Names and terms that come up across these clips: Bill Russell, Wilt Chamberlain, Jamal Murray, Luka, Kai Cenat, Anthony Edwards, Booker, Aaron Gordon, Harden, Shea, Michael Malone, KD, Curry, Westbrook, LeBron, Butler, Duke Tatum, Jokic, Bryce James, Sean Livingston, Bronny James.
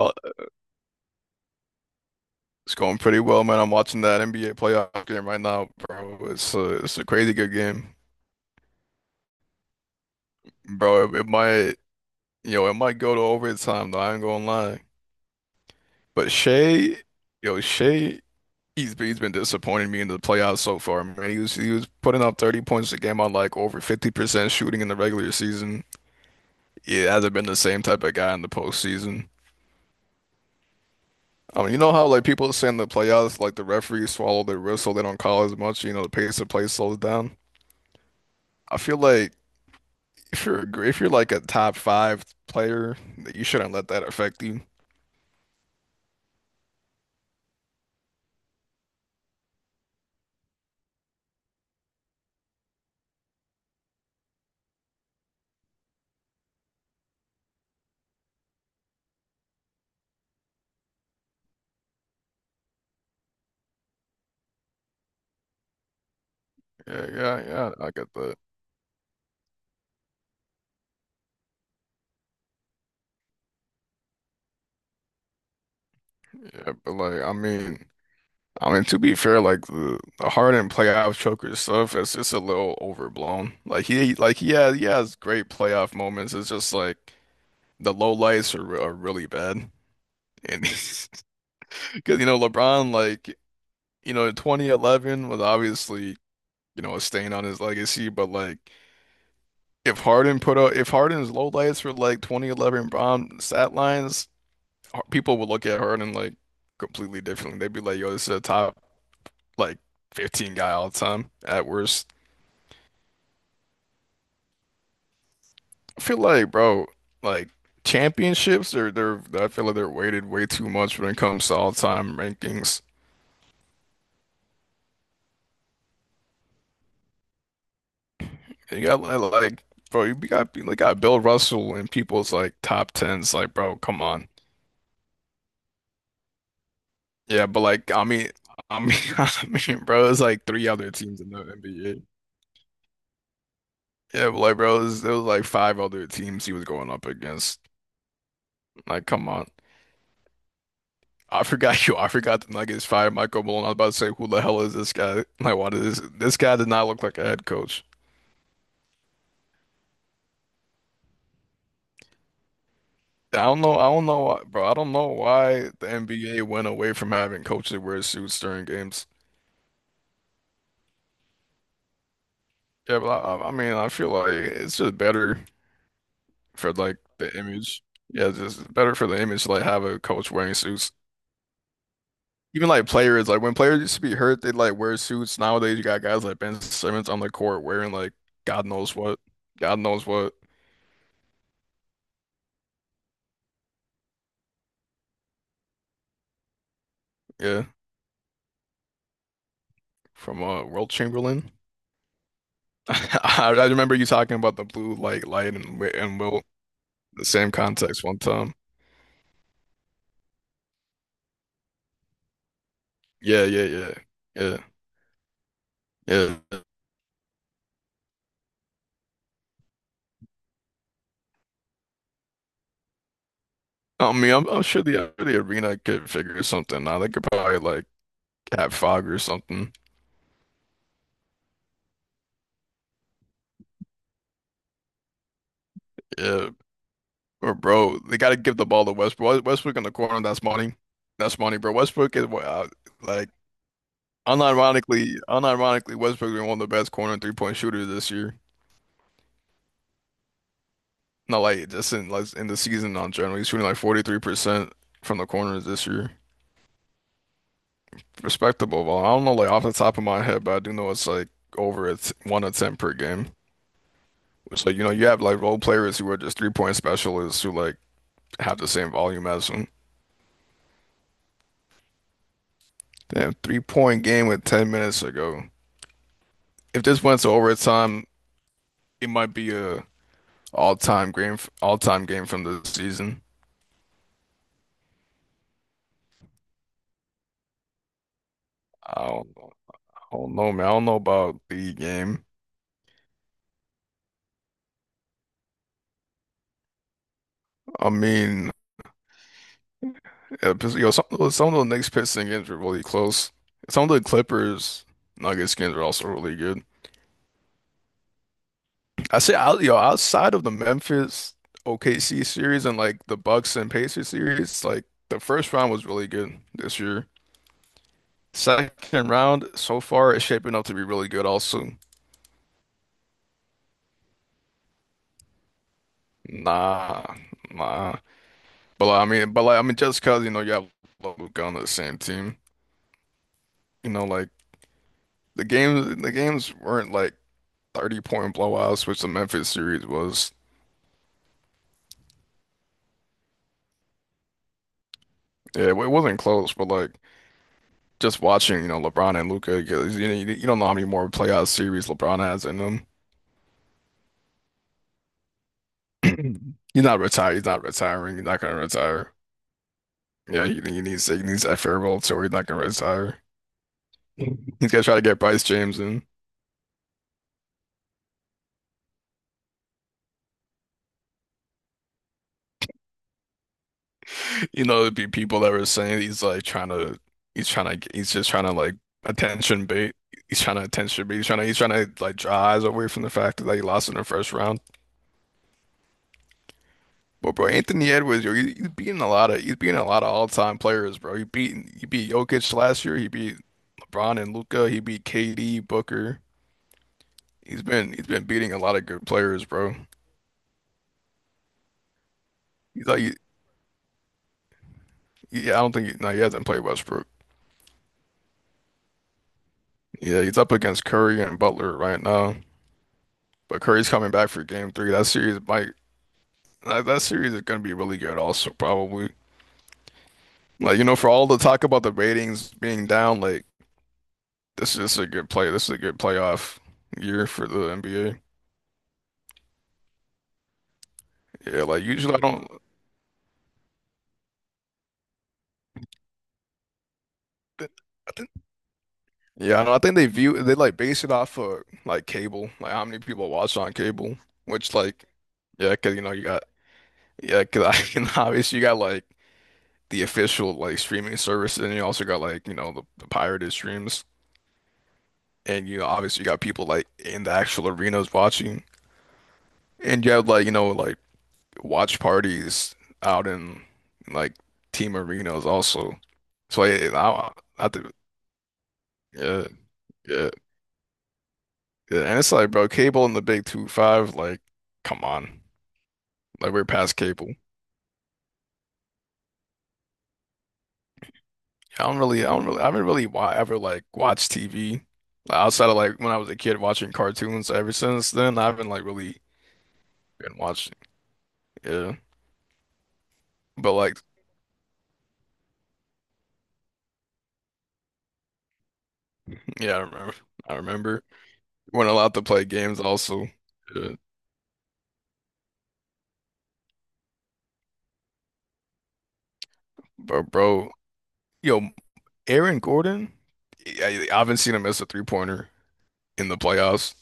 Oh, it's going pretty well, man. I'm watching that NBA playoff game right now, bro. It's a crazy good game, bro. It might, it might go to overtime though. I ain't gonna lie. But Shea, yo, Shea, he's been disappointing me in the playoffs so far, man. He was putting up 30 points a game on like over 50% shooting in the regular season. He hasn't been the same type of guy in the postseason. I mean, you know how like people say in the playoffs, like the referees swallow their whistle, they don't call as much, the pace of play slows down. I feel like. If you're like a top five player, you shouldn't let that affect you. Yeah, yeah, yeah. I get that. Yeah, but like, I mean, to be fair, like the Harden playoff choker stuff is just a little overblown. Like he has great playoff moments. It's just like the low lights are really bad, and because LeBron, like in 2011 was obviously a stain on his legacy, but like. If Harden's low lights for like 2011 bomb stat lines, people would look at Harden like completely differently. They'd be like, "Yo, this is a top like 15 guy all the time at worst." I feel like, bro, like championships are they're I feel like they're weighted way too much when it comes to all time rankings. You got bro, you got Bill Russell in people's like top tens. Like, bro, come on. Yeah, but like, I mean, I mean, bro, it's like three other teams in the NBA. Yeah, but like bro, it was like five other teams he was going up against. Like, come on. I forgot you. I forgot the Nuggets fired Michael Malone. I was about to say, who the hell is this guy? Like, why does this guy did not look like a head coach? I don't know. I don't know why, bro. I don't know why the NBA went away from having coaches wear suits during games. Yeah, but I mean, I feel like it's just better for like the image. Yeah, it's just better for the image to like have a coach wearing suits. Even like players, like when players used to be hurt, they'd like wear suits. Nowadays, you got guys like Ben Simmons on the court wearing like God knows what, God knows what. Yeah, from Wilt Chamberlain. I remember you talking about the blue like light and Wilt the same context one time. Yeah, yeah, yeah, yeah, yeah. I mean, I'm sure the arena could figure something out. They could probably like have fog or something. Yeah. Or bro, they got to give the ball to Westbrook. Westbrook in the corner, that's money. That's money, bro. Westbrook is like unironically, Westbrook is one of the best corner and three-point shooters this year. Not like just in like in the season on general. He's shooting like 43% from the corners this year. Respectable. Well, I don't know like off the top of my head, but I do know it's like over it's one attempt per game. So you know you have like role players who are just three-point specialists who like have the same volume as him. Damn, three-point game with 10 minutes ago. If this went to overtime, it might be a all-time game from the season. I don't know, man. I don't know about the game. I mean, yo, some of the Knicks Pistons games were really close. Some of the Clippers Nuggets games are also really good. I say, outside of the Memphis OKC series and like the Bucks and Pacers series, like the first round was really good this year. Second round so far is shaping up to be really good also. Nah, nah. But like, I mean, just cause you know you have Luka on the same team, you know, like the games weren't like 30 point blowouts, which the Memphis series was. Yeah, it wasn't close, but like just watching, you know, LeBron and Luka, because you know, you don't know how many more playoff series LeBron has in him. He's not retired. He's not retiring. He's not gonna retire. Yeah, he needs that farewell tour. He's not gonna retire. He's gonna try to get Bryce James in. You know, there'd be people that were saying he's like trying to, he's just trying to like attention bait. He's trying to attention bait. He's trying to like draw eyes away from the fact that he lost in the first round. But bro, Anthony Edwards, yo, he's beating a lot of all-time players, bro. He beat Jokic last year. He beat LeBron and Luca. He beat KD, Booker. He's been beating a lot of good players, bro. He's like, he- I don't think, no, he hasn't played Westbrook. Yeah, he's up against Curry and Butler right now. But Curry's coming back for game three. That series might. That series is gonna be really good also probably. Like, you know, for all the talk about the ratings being down, like This is a good playoff year for the NBA. Yeah, like usually I don't yeah, I think they like base it off of like cable, like how many people watch on cable, which like yeah, 'cause you got yeah, 'cause I and obviously you got like the official like streaming service and you also got like, you know, the pirated streams and you know obviously you got people like in the actual arenas watching. And you have like, you know, like watch parties out in like team arenas also. So like, have yeah, yeah, yeah. And it's like, bro, cable and the Big 25, like, come on, like we're past cable. I haven't really wa ever like watched TV. Like, outside of like when I was a kid watching cartoons. Ever since then, I haven't like really been watching. Yeah, but like, yeah, I remember. I remember weren't allowed to play games also. Yeah. But bro, yo. Aaron Gordon, I haven't seen him miss a three pointer in the playoffs.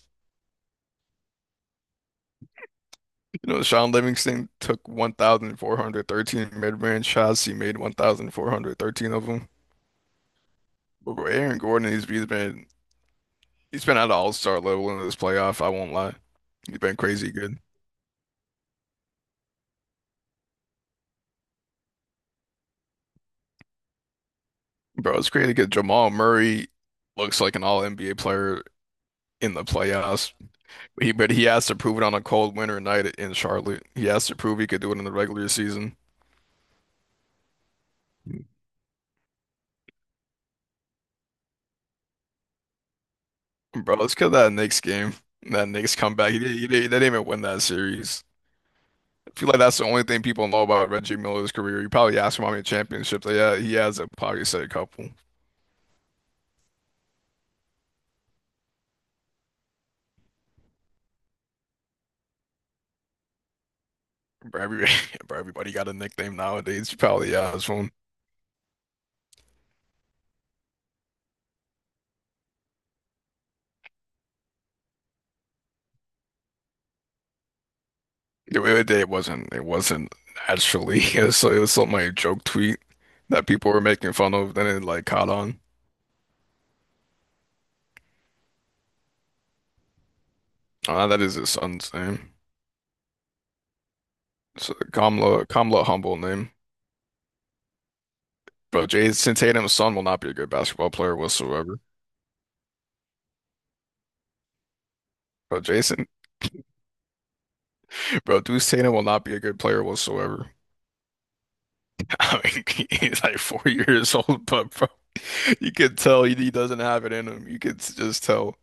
You know, Sean Livingston took 1,413 mid-range shots. He made 1,413 of them. But bro, Aaron Gordon, he's been at an all-star level in this playoff. I won't lie, he's been crazy good. Bro, it's crazy because Jamal Murray looks like an all-NBA player in the playoffs. But he has to prove it on a cold winter night in Charlotte. He has to prove he could do it in the regular season. Bro, let's kill that Knicks game. That Knicks comeback. He, didn't- They didn't even win that series. I feel like that's the only thing people know about Reggie Miller's career. You probably ask him how many championships they had. He has a probably said a couple. Bro, bro, everybody got a nickname nowadays. You probably ask one. The other day it wasn't. It wasn't actually. It was something like a joke tweet that people were making fun of. Then it like caught on. Ah, that is his son's name. So Kamla Humble name. Bro, Jason Tatum's son will not be a good basketball player whatsoever. But Jason Bro, Duke Tatum will not be a good player whatsoever. I mean, he's like 4 years old, but bro, you could tell he doesn't have it in him. You could just tell,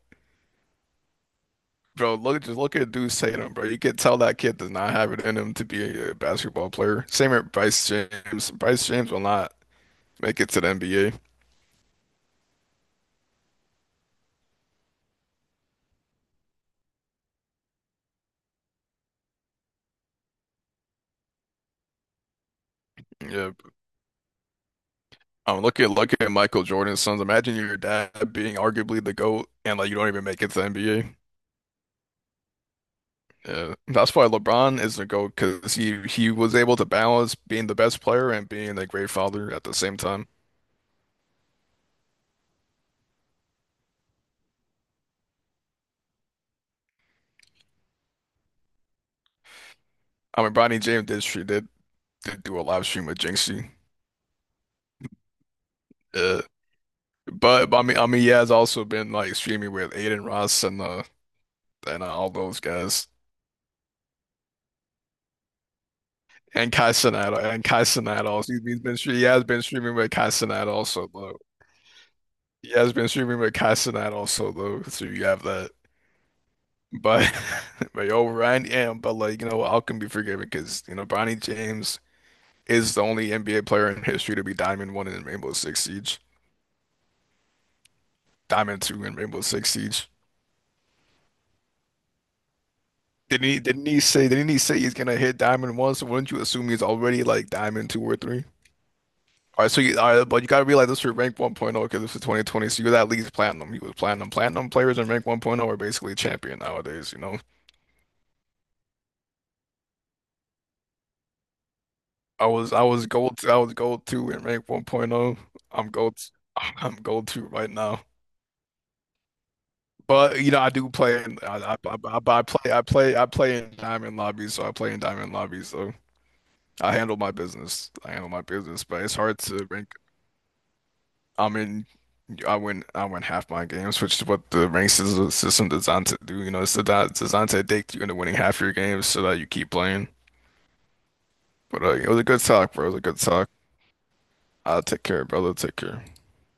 bro. Look, just look at Duke Tatum, bro. You could tell that kid does not have it in him to be a basketball player. Same with Bryce James. Bryce James will not make it to the NBA. Yeah. Look at Michael Jordan's sons. Imagine your dad being arguably the GOAT, and like you don't even make it to the NBA. Yeah, that's why LeBron is the GOAT because he was able to balance being the best player and being a great father at the same time. I mean, Bronny James did she did do a live stream with Jinxie, uh, but I mean he has also been like streaming with Aiden Ross and all those guys and Kai Cenat also he's been he has been streaming with Kai Cenat also though he has been streaming with Kai Cenat also though so you have that. But but yo, Ryan, yeah, but like, you know, I can be forgiven because, you know, Bronny James is the only NBA player in history to be Diamond One in Rainbow Six Siege. Diamond Two in Rainbow Six Siege. Didn't he say he's gonna hit Diamond One, so wouldn't you assume he's already like Diamond Two or Three? All right, so you all right, but you gotta realize this for rank 1.0 because this is 2020, so you're at least platinum. He was platinum. Platinum players in rank 1.0 are basically champion nowadays, you know? I was gold two in rank 1.0. I'm gold I'm gold two right now. But you know I play in diamond lobbies, so I handle my business, but it's hard to rank. I mean I win half my games, which is what the system designed to do, you know? It's designed to addict you into winning half your games so that you keep playing. But it was a good talk, bro, it was a good talk I'll take care, brother, take care.